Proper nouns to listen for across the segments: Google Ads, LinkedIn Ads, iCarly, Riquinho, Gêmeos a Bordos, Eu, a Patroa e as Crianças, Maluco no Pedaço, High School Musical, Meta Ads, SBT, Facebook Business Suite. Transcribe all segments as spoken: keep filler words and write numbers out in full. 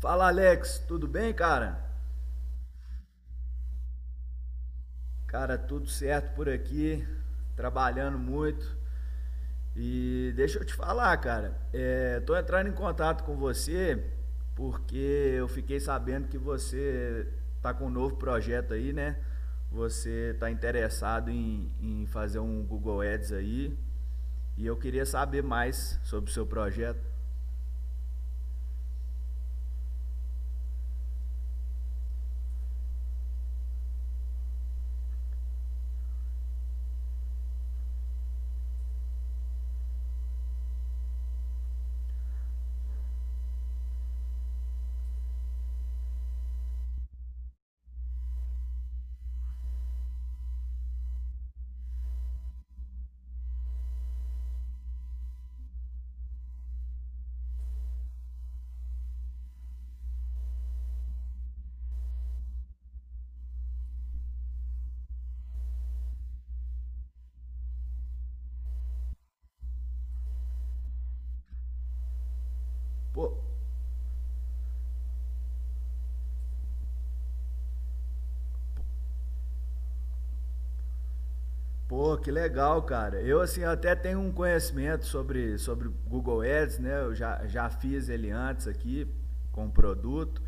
Fala, Alex, tudo bem, cara? Cara, tudo certo por aqui, trabalhando muito. E deixa eu te falar, cara, é, tô entrando em contato com você porque eu fiquei sabendo que você tá com um novo projeto aí, né? Você tá interessado em, em fazer um Google Ads aí e eu queria saber mais sobre o seu projeto. Pô, Pô, que legal, cara. Eu, assim, até tenho um conhecimento sobre, sobre Google Ads, né? Eu já, já fiz ele antes aqui com o produto.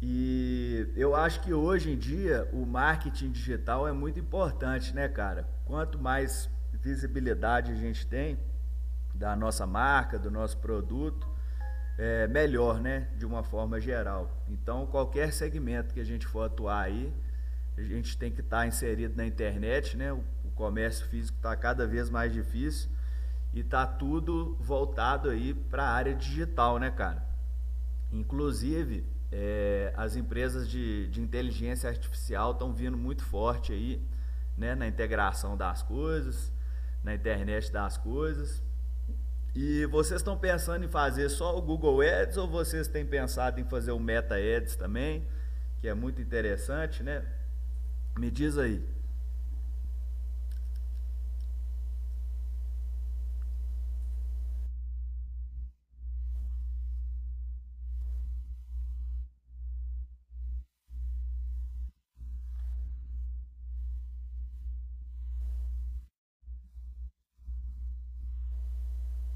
E eu acho que hoje em dia o marketing digital é muito importante, né, cara? Quanto mais visibilidade a gente tem da nossa marca, do nosso produto, é melhor, né? De uma forma geral. Então, qualquer segmento que a gente for atuar aí a gente tem que estar inserido na internet, né? O, o comércio físico está cada vez mais difícil e está tudo voltado aí para a área digital, né, cara? Inclusive, é, as empresas de, de inteligência artificial estão vindo muito forte aí, né, na integração das coisas, na internet das coisas. E vocês estão pensando em fazer só o Google Ads ou vocês têm pensado em fazer o Meta Ads também, que é muito interessante, né? Me diz aí.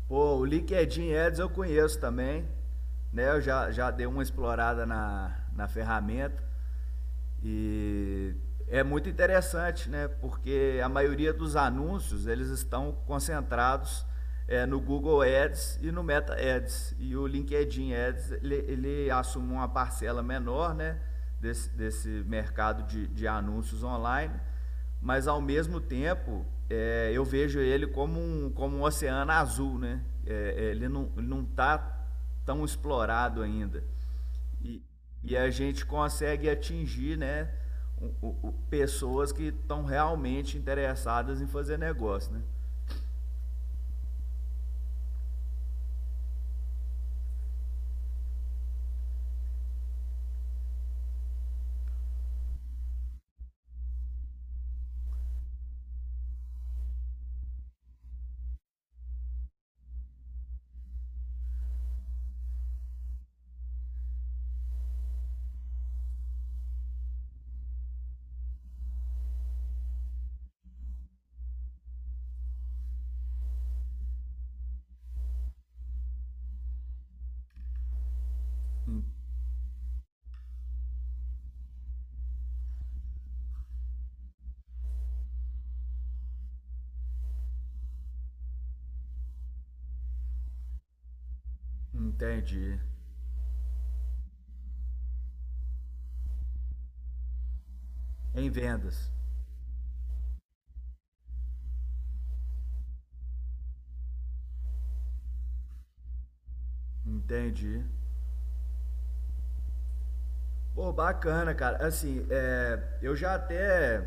Pô, o LinkedIn Ads eu conheço também, né? Eu já, já dei uma explorada na, na ferramenta. E é muito interessante, né? Porque a maioria dos anúncios eles estão concentrados é, no Google Ads e no Meta Ads. E o LinkedIn Ads ele, ele assume uma parcela menor, né? Desse, desse mercado de, de anúncios online, mas ao mesmo tempo é, eu vejo ele como um, como um oceano azul, né? É, ele não está tão explorado ainda. E, e a gente consegue atingir, né? o- o- pessoas que estão realmente interessadas em fazer negócio, né? Entendi. Em vendas. Entendi. Pô, bacana, cara. Assim, é, eu já até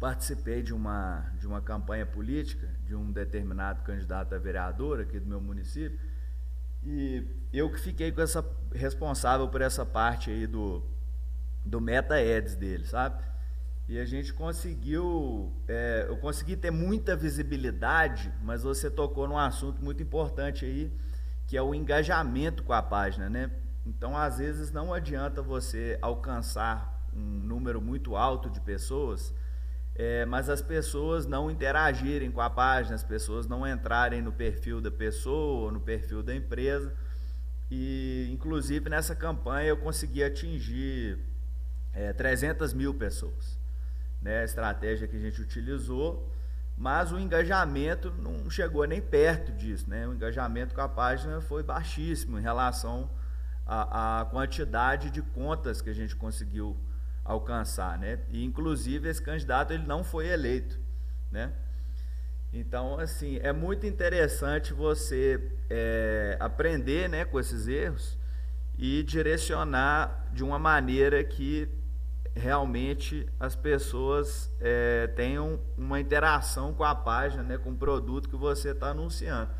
participei de uma, de uma campanha política de um determinado candidato a vereador aqui do meu município. E eu que fiquei com essa responsável por essa parte aí do, do meta ads dele, sabe? E a gente conseguiu, é, eu consegui ter muita visibilidade, mas você tocou num assunto muito importante aí, que é o engajamento com a página, né? Então, às vezes não adianta você alcançar um número muito alto de pessoas, é, mas as pessoas não interagirem com a página, as pessoas não entrarem no perfil da pessoa, no perfil da empresa. E, inclusive, nessa campanha eu consegui atingir é, trezentas mil pessoas. Né, a estratégia que a gente utilizou, mas o engajamento não chegou nem perto disso. Né? O engajamento com a página foi baixíssimo em relação à à quantidade de contas que a gente conseguiu alcançar. Né? E, inclusive, esse candidato ele não foi eleito. Né? Então, assim, é muito interessante você é, aprender, né, com esses erros e direcionar de uma maneira que realmente as pessoas é, tenham uma interação com a página, né, com o produto que você está anunciando.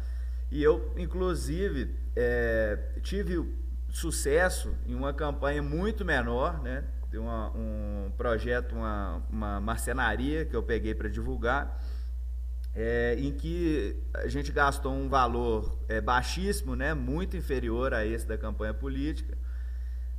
E eu, inclusive, é, tive sucesso em uma campanha muito menor, né, de uma- um projeto, uma, uma marcenaria que eu peguei para divulgar é, em que a gente gastou um valor é, baixíssimo, né, muito inferior a esse da campanha política,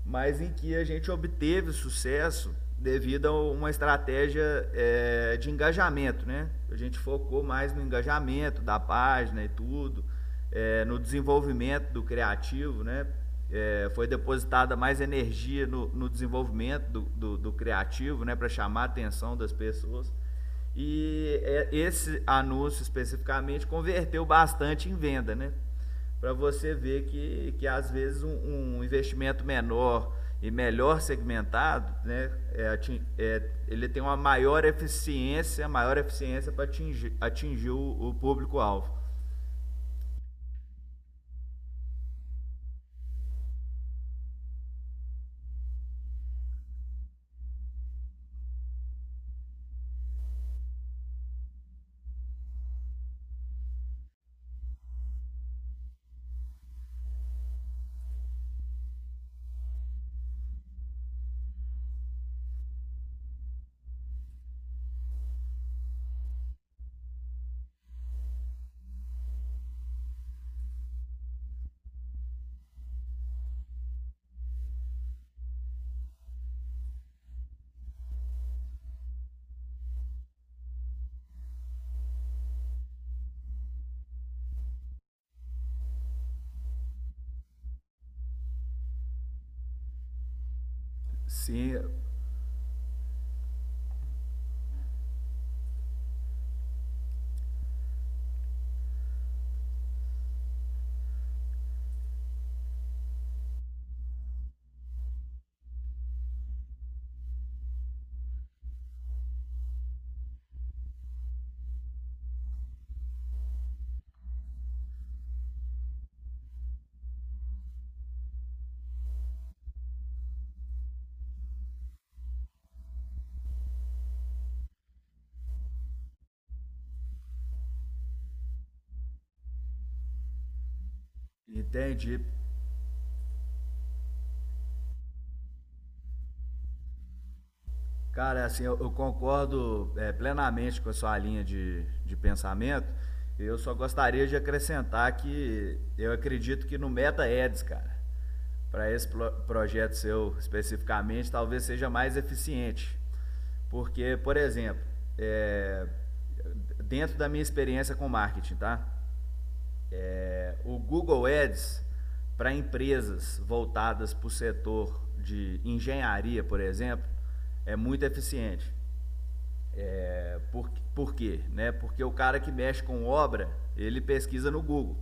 mas em que a gente obteve sucesso devido a uma estratégia é, de engajamento, né? A gente focou mais no engajamento da página e tudo, é, no desenvolvimento do criativo, né? É, foi depositada mais energia no, no desenvolvimento do, do, do criativo, né? Para chamar a atenção das pessoas. E é, esse anúncio especificamente converteu bastante em venda, né? Para você ver que, que às vezes um, um investimento menor e melhor segmentado, né, é, é, ele tem uma maior eficiência, maior eficiência para atingir, atingir o, o público-alvo. Sim, entendi. Cara, é assim, eu, eu concordo é, plenamente com a sua linha de, de pensamento. Eu só gostaria de acrescentar que eu acredito que no Meta Ads, cara, para esse pro- projeto seu especificamente, talvez seja mais eficiente. Porque, por exemplo, é, dentro da minha experiência com marketing, tá? É, o Google Ads para empresas voltadas para o setor de engenharia, por exemplo, é muito eficiente. Por, por quê? Né? Porque o cara que mexe com obra, ele pesquisa no Google.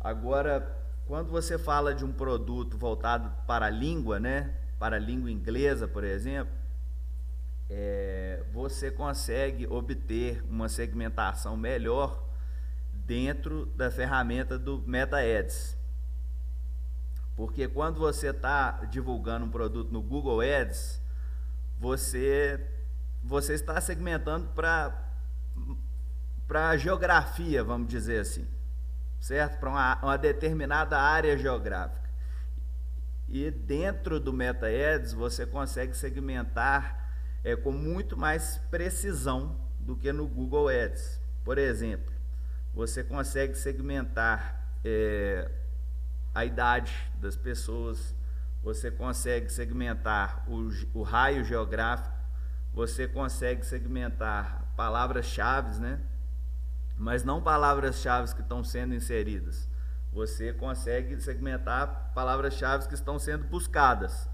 Agora, quando você fala de um produto voltado para a língua, né? Para a língua inglesa, por exemplo, é, você consegue obter uma segmentação melhor dentro da ferramenta do Meta Ads. Porque quando você está divulgando um produto no Google Ads, você, você está segmentando para para a geografia, vamos dizer assim, certo? Para uma, uma determinada área geográfica. E dentro do MetaEds você consegue segmentar é, com muito mais precisão do que no Google Ads. Por exemplo, você consegue segmentar é, a idade das pessoas, você consegue segmentar o, o raio geográfico, você consegue segmentar palavras-chave, né? Mas não palavras-chave que estão sendo inseridas. Você consegue segmentar palavras-chave que estão sendo buscadas,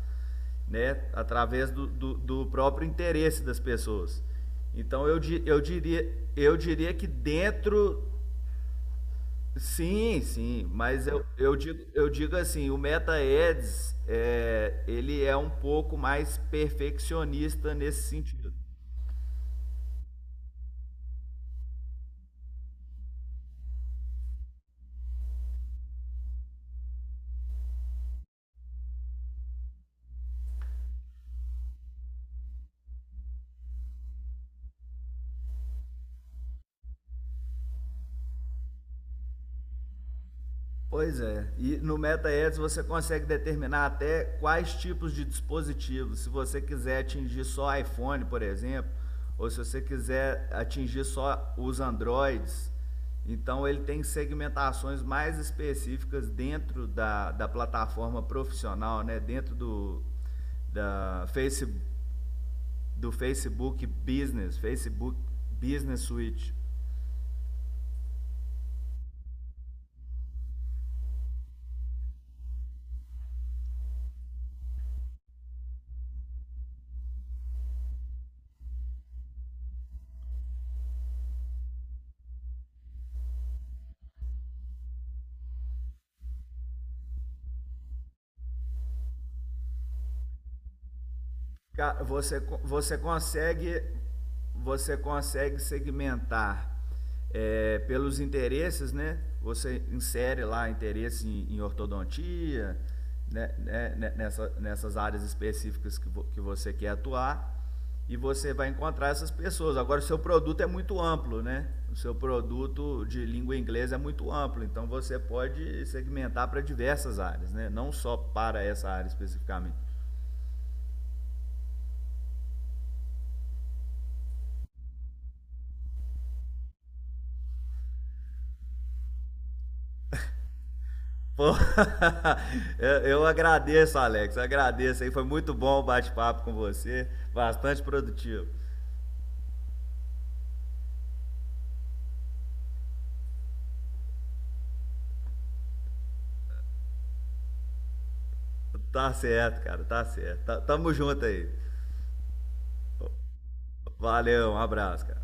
né? Através do, do, do próprio interesse das pessoas. Então eu, eu, diria, eu diria que dentro. Sim, sim, mas eu, eu, digo, eu digo assim, o Meta Ads, é, ele é um pouco mais perfeccionista nesse sentido. Pois é, e no MetaEds você consegue determinar até quais tipos de dispositivos. Se você quiser atingir só iPhone, por exemplo, ou se você quiser atingir só os Androids, então ele tem segmentações mais específicas dentro da, da plataforma profissional, né? Dentro do, da face, do Facebook Business, Facebook Business Suite. Você, você consegue você consegue segmentar é, pelos interesses, né? Você insere lá interesse em, em ortodontia, né, né, né, nessa- nessas áreas específicas que, vo- que você quer atuar e você vai encontrar essas pessoas. Agora, o seu produto é muito amplo, né? O seu produto de língua inglesa é muito amplo, então você pode segmentar para diversas áreas, né? Não só para essa área especificamente. Pô, eu eu agradeço, Alex. Eu agradeço aí. Foi muito bom o bate-papo com você. Bastante produtivo. Tá certo, cara. Tá certo. Tá, tamo junto aí. Valeu, um abraço, cara.